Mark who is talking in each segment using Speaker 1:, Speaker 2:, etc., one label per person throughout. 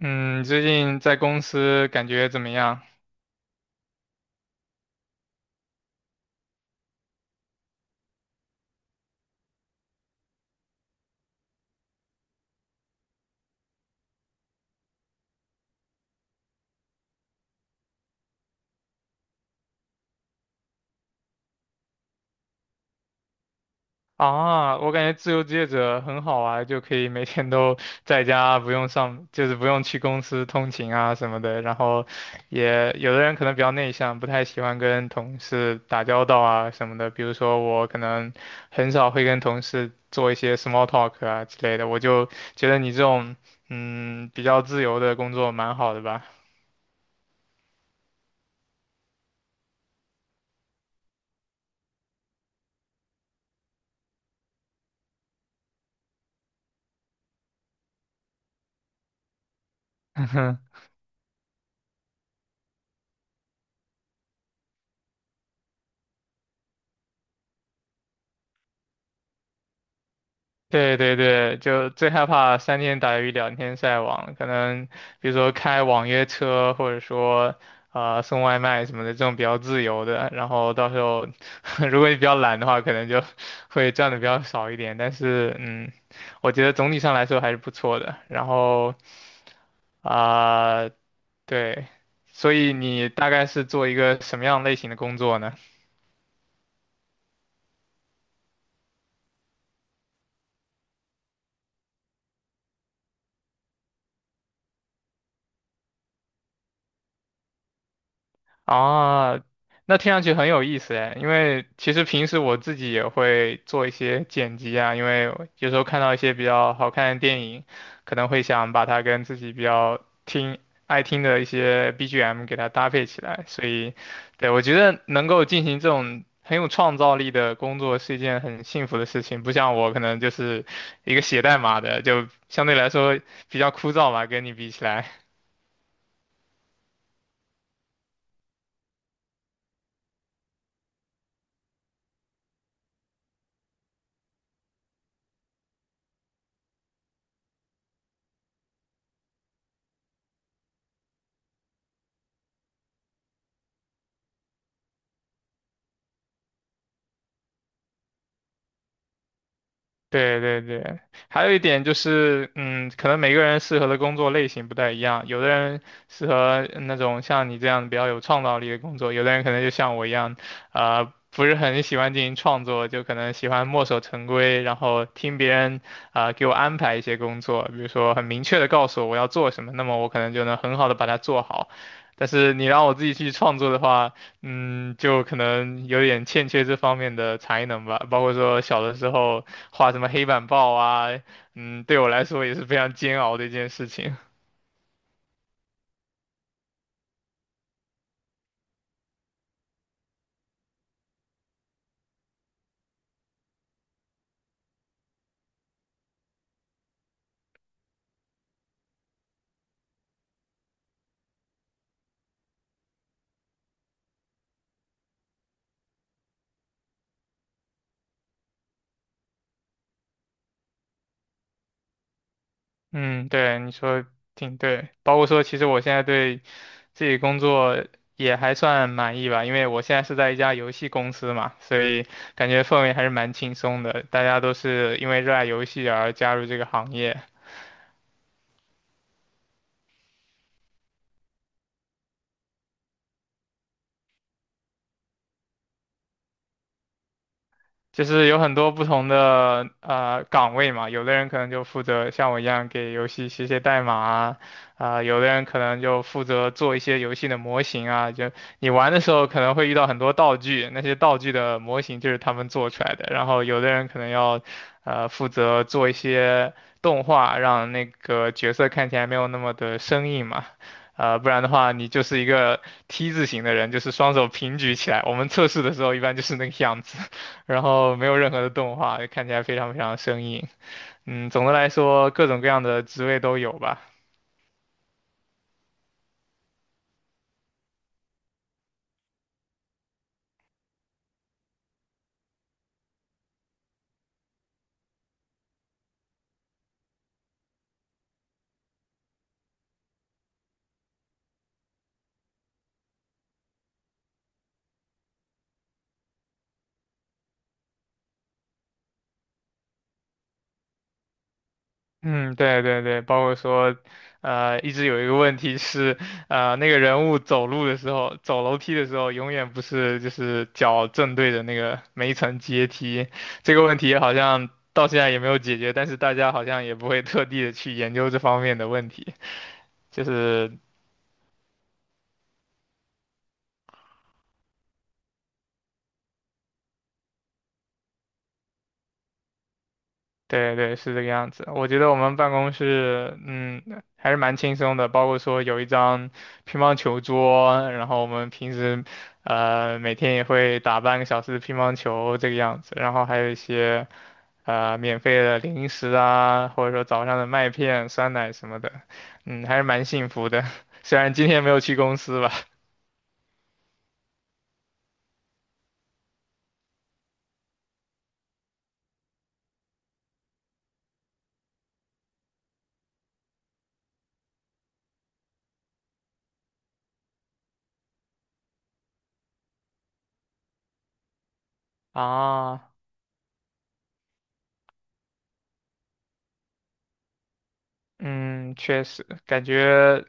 Speaker 1: 嗯，最近在公司感觉怎么样？啊，我感觉自由职业者很好啊，就可以每天都 在家，不用上，就是不用去公司通勤啊什么的。然后也有的人可能比较内向，不太喜欢跟同事打交道啊什么的。比如说我可能很少会跟同事做一些 small talk 啊之类的。我就觉得你这种比较自由的工作蛮好的吧。对对对，就最害怕三天打鱼两天晒网，可能比如说开网约车，或者说送外卖什么的，这种比较自由的。然后到时候 如果你比较懒的话，可能就会赚的比较少一点。但是我觉得总体上来说还是不错的。啊、对，所以你大概是做一个什么样类型的工作呢？啊，那听上去很有意思哎，因为其实平时我自己也会做一些剪辑啊，因为有时候看到一些比较好看的电影，可能会想把它跟自己比较听爱听的一些 BGM 给它搭配起来，所以，对，我觉得能够进行这种很有创造力的工作是一件很幸福的事情，不像我可能就是一个写代码的，就相对来说比较枯燥吧，跟你比起来。对对对，还有一点就是，嗯，可能每个人适合的工作类型不太一样，有的人适合那种像你这样比较有创造力的工作，有的人可能就像我一样，不是很喜欢进行创作，就可能喜欢墨守成规，然后听别人给我安排一些工作，比如说很明确的告诉我要做什么，那么我可能就能很好的把它做好。但是你让我自己去创作的话，嗯，就可能有点欠缺这方面的才能吧，包括说小的时候。画什么黑板报啊，嗯，对我来说也是非常煎熬的一件事情。嗯，对，你说挺对，包括说其实我现在对自己工作也还算满意吧，因为我现在是在一家游戏公司嘛，所以感觉氛围还是蛮轻松的，大家都是因为热爱游戏而加入这个行业。就是有很多不同的岗位嘛，有的人可能就负责像我一样给游戏写代码啊，有的人可能就负责做一些游戏的模型啊，就你玩的时候可能会遇到很多道具，那些道具的模型就是他们做出来的，然后有的人可能要负责做一些动画，让那个角色看起来没有那么的生硬嘛。呃，不然的话，你就是一个 T 字形的人，就是双手平举起来。我们测试的时候一般就是那个样子。然后没有任何的动画，看起来非常非常生硬。嗯，总的来说，各种各样的职位都有吧。嗯，对对对，包括说，呃，一直有一个问题是，呃，那个人物走路的时候，走楼梯的时候，永远不是就是脚正对着那个每一层阶梯。这个问题好像到现在也没有解决，但是大家好像也不会特地的去研究这方面的问题，就是对对，是这个样子。我觉得我们办公室，嗯，还是蛮轻松的，包括说有一张乒乓球桌，然后我们平时，呃，每天也会打半个小时的乒乓球这个样子，然后还有一些免费的零食啊，或者说早上的麦片、酸奶什么的，嗯，还是蛮幸福的。虽然今天没有去公司吧，啊，嗯，确实感觉。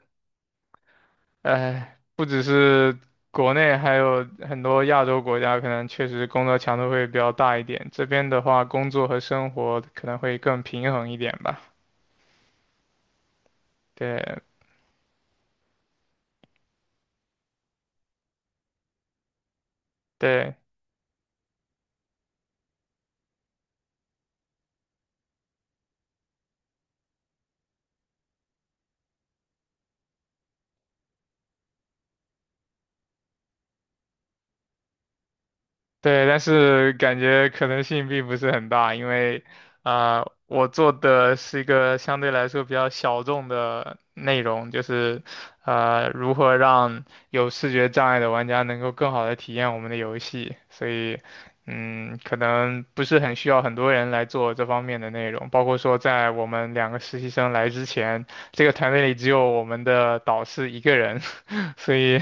Speaker 1: 哎，不只是国内，还有很多亚洲国家，可能确实工作强度会比较大一点。这边的话，工作和生活可能会更平衡一点吧。对对，对，但是感觉可能性并不是很大，因为，啊，我做的是一个相对来说比较小众的内容，就是，呃，如何让有视觉障碍的玩家能够更好的体验我们的游戏，所以，嗯，可能不是很需要很多人来做这方面的内容，包括说在我们两个实习生来之前，这个团队里只有我们的导师一个人，所以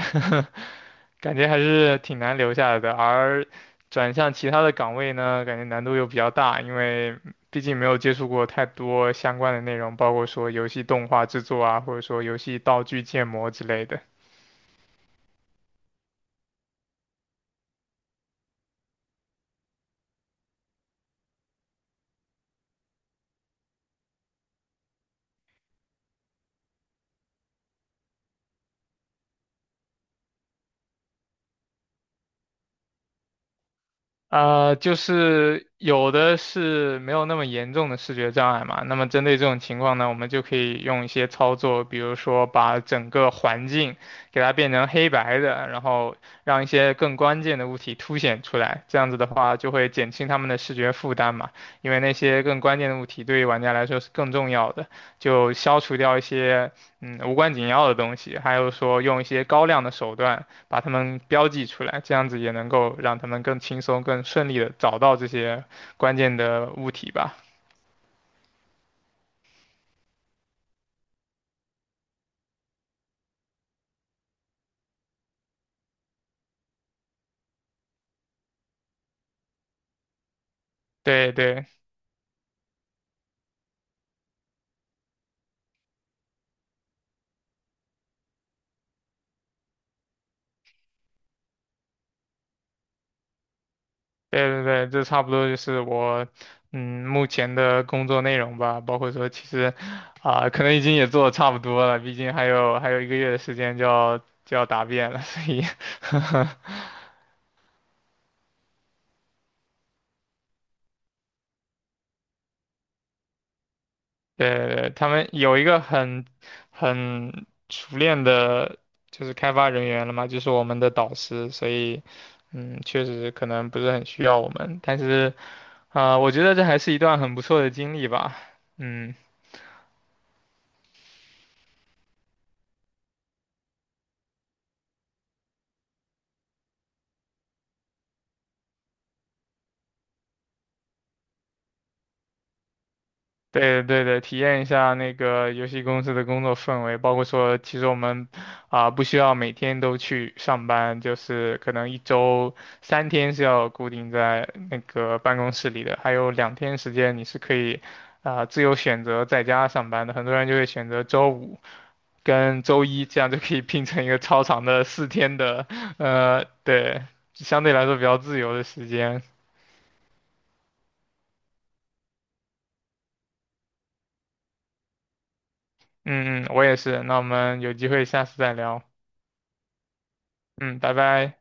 Speaker 1: 感觉还是挺难留下来的，而。转向其他的岗位呢，感觉难度又比较大，因为毕竟没有接触过太多相关的内容，包括说游戏动画制作啊，或者说游戏道具建模之类的。呃，就是有的是没有那么严重的视觉障碍嘛，那么针对这种情况呢，我们就可以用一些操作，比如说把整个环境给它变成黑白的，然后让一些更关键的物体凸显出来，这样子的话就会减轻他们的视觉负担嘛，因为那些更关键的物体对于玩家来说是更重要的，就消除掉一些无关紧要的东西，还有说用一些高亮的手段。把它们标记出来，这样子也能够让他们更轻松、更顺利的找到这些关键的物体吧。对对对对对，这差不多就是我目前的工作内容吧，包括说其实可能已经也做的差不多了，毕竟还有一个月的时间就要答辩了，所以 对对对，他们有一个很熟练的，就是开发人员了嘛，就是我们的导师，所以，嗯，确实可能不是很需要我们，但是，我觉得这还是一段很不错的经历吧，嗯。对对对，体验一下那个游戏公司的工作氛围，包括说，其实我们不需要每天都去上班，就是可能一周三天是要固定在那个办公室里的，还有两天时间你是可以自由选择在家上班的。很多人就会选择周五跟周一，这样就可以拼成一个超长的四天的，呃，对，相对来说比较自由的时间。嗯嗯，我也是。那我们有机会下次再聊。嗯，拜拜。